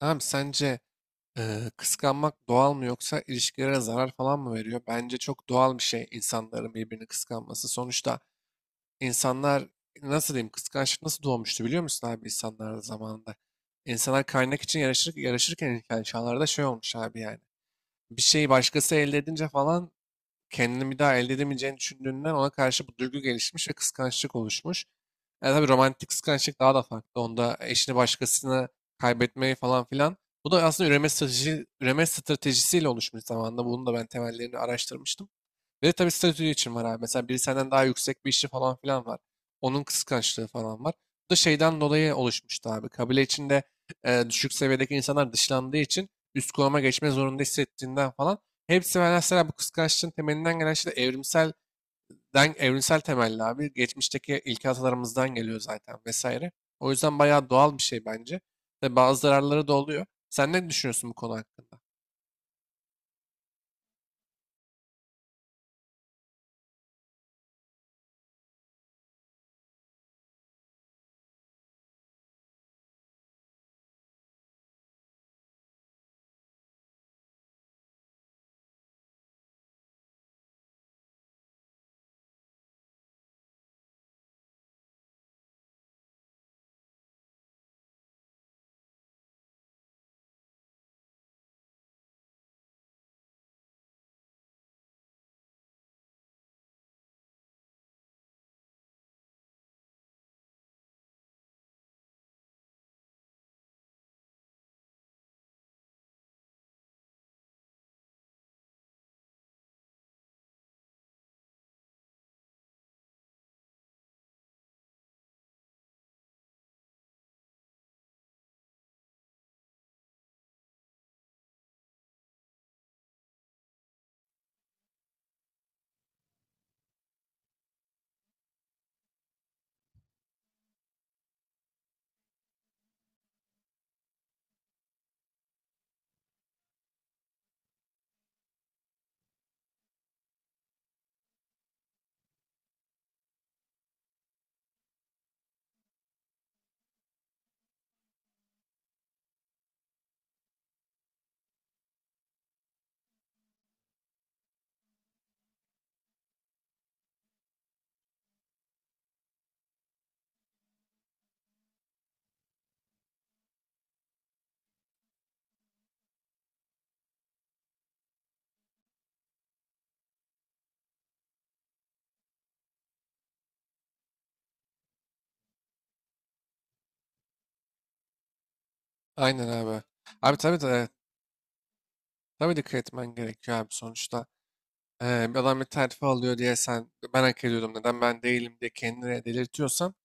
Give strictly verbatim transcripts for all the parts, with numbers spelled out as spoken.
Tamam sence eee, kıskanmak doğal mı yoksa ilişkilere zarar falan mı veriyor? Bence çok doğal bir şey insanların birbirini kıskanması. Sonuçta insanlar nasıl diyeyim kıskançlık nasıl doğmuştu biliyor musun abi insanlar zamanında? İnsanlar kaynak için yarışır, yarışırken ilkel çağlarda şey olmuş abi yani. Bir şeyi başkası elde edince falan kendini bir daha elde edemeyeceğini düşündüğünden ona karşı bu duygu gelişmiş ve kıskançlık oluşmuş. Yani tabii romantik kıskançlık daha da farklı. Onda eşini başkasına kaybetmeyi falan filan. Bu da aslında üreme strateji, üreme stratejisiyle oluşmuş zamanında. Bunun da ben temellerini araştırmıştım. Ve tabii statü için var abi. Mesela biri senden daha yüksek bir işi falan filan var. Onun kıskançlığı falan var. Bu da şeyden dolayı oluşmuştu abi. Kabile içinde e, düşük seviyedeki insanlar dışlandığı için üst konuma geçme zorunda hissettiğinden falan. Hepsi mesela bu kıskançlığın temelinden gelen şey de evrimselden, evrimsel temelli abi. Geçmişteki ilkel atalarımızdan geliyor zaten vesaire. O yüzden bayağı doğal bir şey bence. Ve bazı zararları da oluyor. Sen ne düşünüyorsun bu konu hakkında? Aynen abi. Abi tabii tabii, tabii dikkat etmen gerekiyor abi sonuçta. Ee, bir adam bir terfi alıyor diye sen ben hak ediyordum neden ben değilim diye kendine delirtiyorsan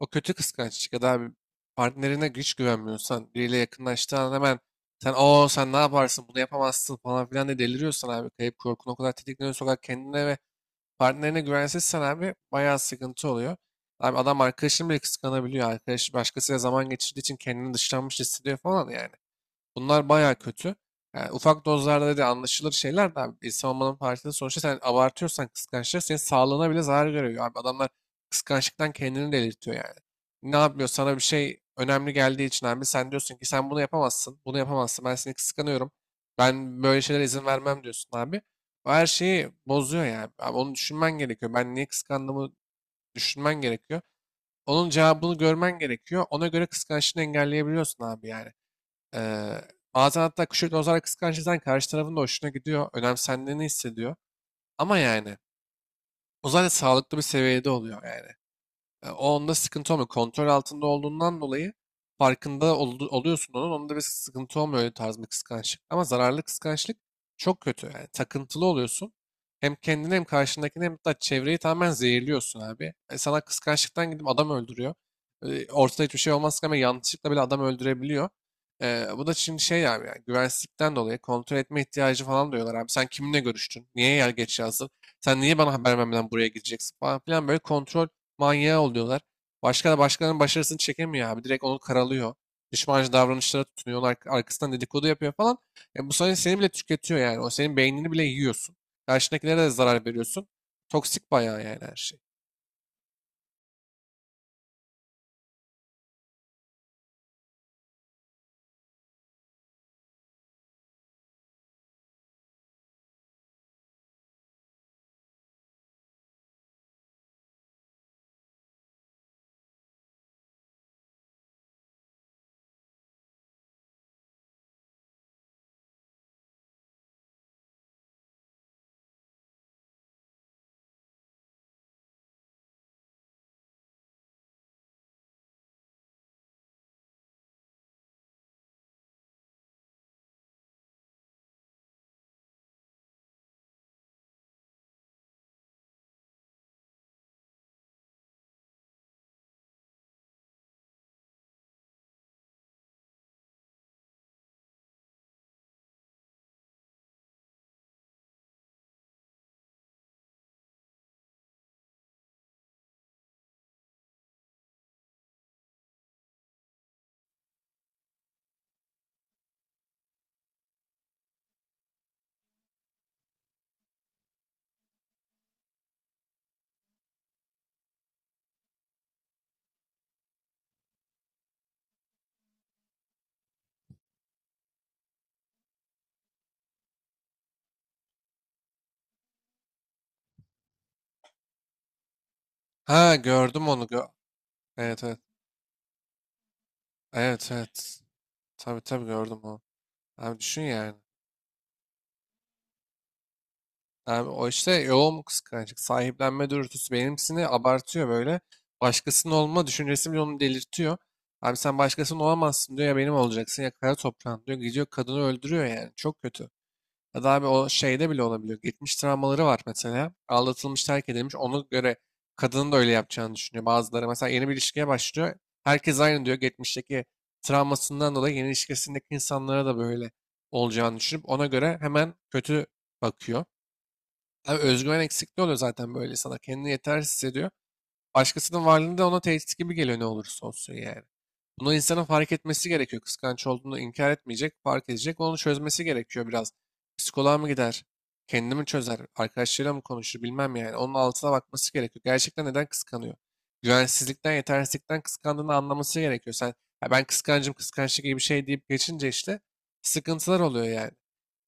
o kötü kıskançlık ya da bir partnerine hiç güvenmiyorsan biriyle yakınlaştığın an hemen sen o sen ne yaparsın bunu yapamazsın falan filan diye deliriyorsan abi kayıp korkun o kadar tetikleniyor sokak kendine ve partnerine güvensizsen abi bayağı sıkıntı oluyor. Abi adam arkadaşını bile kıskanabiliyor. Arkadaş başkasıyla zaman geçirdiği için kendini dışlanmış hissediyor falan yani. Bunlar baya kötü. Yani ufak dozlarda da anlaşılır şeyler de abi. İnsan olmanın parçası sonuçta sen abartıyorsan kıskançlık senin sağlığına bile zarar görüyor. Abi adamlar kıskançlıktan kendini delirtiyor yani. Ne yapıyor sana bir şey önemli geldiği için abi sen diyorsun ki sen bunu yapamazsın, bunu yapamazsın. Ben seni kıskanıyorum. Ben böyle şeylere izin vermem diyorsun abi. Bu her şeyi bozuyor yani. Abi onu düşünmen gerekiyor. Ben niye kıskandığımı düşünmen gerekiyor. Onun cevabını görmen gerekiyor. Ona göre kıskançlığını engelleyebiliyorsun abi yani. Eee, Bazen hatta küçük dozlarda kıskanç insan karşı tarafın da hoşuna gidiyor. Önemsendiğini hissediyor. Ama yani o zaten sağlıklı bir seviyede oluyor yani. E, O onda sıkıntı olmuyor. Kontrol altında olduğundan dolayı farkında oldu- oluyorsun onun. Onda bir sıkıntı olmuyor öyle tarz bir kıskançlık. Ama zararlı kıskançlık çok kötü. Yani takıntılı oluyorsun. Hem kendini hem karşındakini hem de çevreyi tamamen zehirliyorsun abi. E, sana kıskançlıktan gidip adam öldürüyor. E, ortada hiçbir şey olmazken ama yanlışlıkla bile adam öldürebiliyor. E, bu da şimdi şey abi yani güvensizlikten dolayı kontrol etme ihtiyacı falan diyorlar abi. Sen kiminle görüştün? Niye yer geç yazdın? Sen niye bana haber vermeden buraya gideceksin falan filan böyle kontrol manyağı oluyorlar. Başka da başkalarının başarısını çekemiyor abi. Direkt onu karalıyor. Düşmancı davranışlara tutunuyor. Onun ark- arkasından dedikodu yapıyor falan. E bu sayede seni bile tüketiyor yani. O senin beynini bile yiyorsun. Karşındakilere de zarar veriyorsun. Toksik bayağı yani her şey. Ha gördüm onu. gö- evet, evet. Evet, evet. Tabii, tabii, gördüm onu. Abi düşün yani. Abi o işte yoğun kıskançlık, sahiplenme dürtüsü benimsini abartıyor böyle. Başkasının olma düşüncesi bile onu delirtiyor. Abi sen başkasının olamazsın diyor ya benim olacaksın ya kara toprağın diyor. Gidiyor kadını öldürüyor yani çok kötü. Ya da abi o şeyde bile olabiliyor. Geçmiş travmaları var mesela. Aldatılmış, terk edilmiş. Ona göre kadının da öyle yapacağını düşünüyor. Bazıları mesela yeni bir ilişkiye başlıyor. Herkes aynı diyor. Geçmişteki travmasından dolayı yeni ilişkisindeki insanlara da böyle olacağını düşünüp ona göre hemen kötü bakıyor. Abi özgüven eksikliği oluyor zaten böyle sana. Kendini yetersiz hissediyor. Başkasının varlığında da ona tehdit gibi geliyor ne olursa olsun yani. Bunu insanın fark etmesi gerekiyor. Kıskanç olduğunu inkar etmeyecek, fark edecek. Onu çözmesi gerekiyor biraz. Psikoloğa mı gider? Kendini mi çözer? Arkadaşlarıyla mı konuşur? Bilmem yani. Onun altına bakması gerekiyor. Gerçekten neden kıskanıyor? Güvensizlikten, yetersizlikten kıskandığını anlaması gerekiyor. Sen "Ya ben kıskancım, kıskançlık gibi bir şey deyip geçince işte sıkıntılar oluyor yani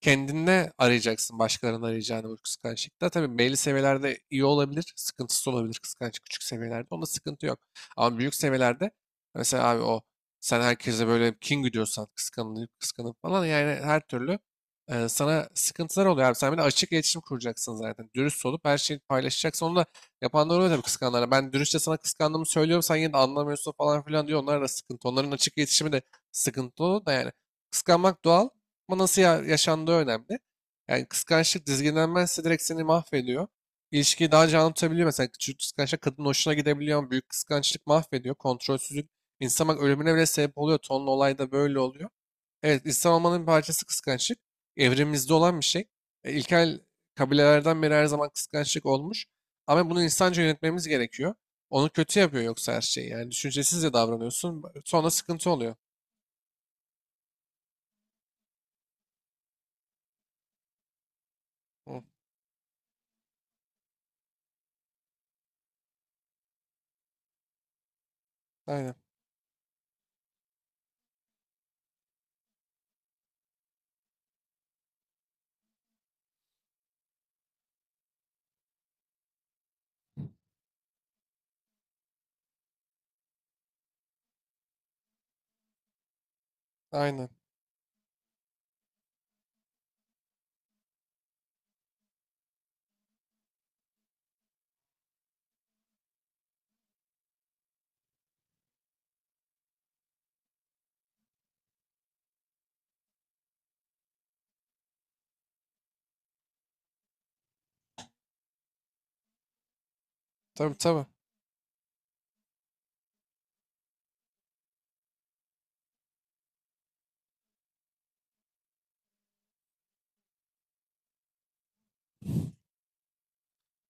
kendinde arayacaksın başkalarının arayacağını bu kıskançlıkta. Tabii belli seviyelerde iyi olabilir, sıkıntısı olabilir kıskançlık küçük seviyelerde. Onda sıkıntı yok. Ama büyük seviyelerde mesela abi o sen herkese böyle kin güdüyorsan kıskanıp kıskanıp falan yani her türlü e, sana sıkıntılar oluyor abi. Sen bir de açık iletişim kuracaksın zaten. Dürüst olup her şeyi paylaşacaksın. Onu da yapanlar oluyor tabii kıskananlara. Ben dürüstçe sana kıskandığımı söylüyorum. Sen yine de anlamıyorsun falan filan diyor. Onlar da sıkıntı. Onların açık iletişimi de sıkıntı sıkıntılı da yani. Kıskanmak doğal. Ama nasıl ya- yaşandığı önemli. Yani kıskançlık dizginlenmezse direkt seni mahvediyor. İlişkiyi daha canlı tutabiliyor. Mesela küçük kıskançlık kadının hoşuna gidebiliyor ama büyük kıskançlık mahvediyor. Kontrolsüzlük insan bak ölümüne bile sebep oluyor. Tonlu olayda böyle oluyor. Evet insan olmanın bir parçası kıskançlık. Evrimimizde olan bir şey. E, İlkel kabilelerden beri her zaman kıskançlık olmuş. Ama bunu insanca yönetmemiz gerekiyor. Onu kötü yapıyor yoksa her şeyi. Yani düşüncesizce davranıyorsun. Sonra sıkıntı oluyor. Hı, aynen. Aynen. Tabii, tabii.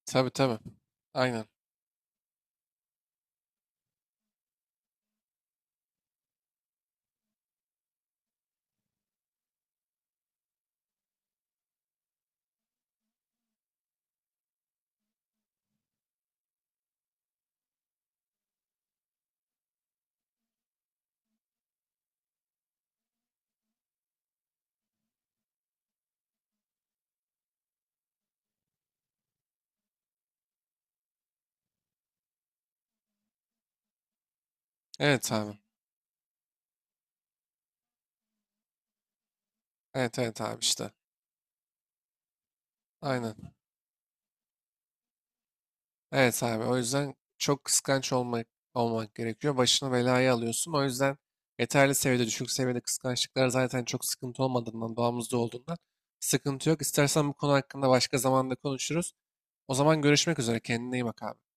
Tabii, tabii. Aynen. Evet abi. Evet, evet abi işte. Aynen. Evet abi. O yüzden çok kıskanç olmak olmak gerekiyor. Başına belayı alıyorsun. O yüzden yeterli seviyede, düşük seviyede kıskançlıklar zaten çok sıkıntı olmadığından, doğamızda olduğundan sıkıntı yok. İstersen bu konu hakkında başka zamanda konuşuruz. O zaman görüşmek üzere. Kendine iyi bak abi.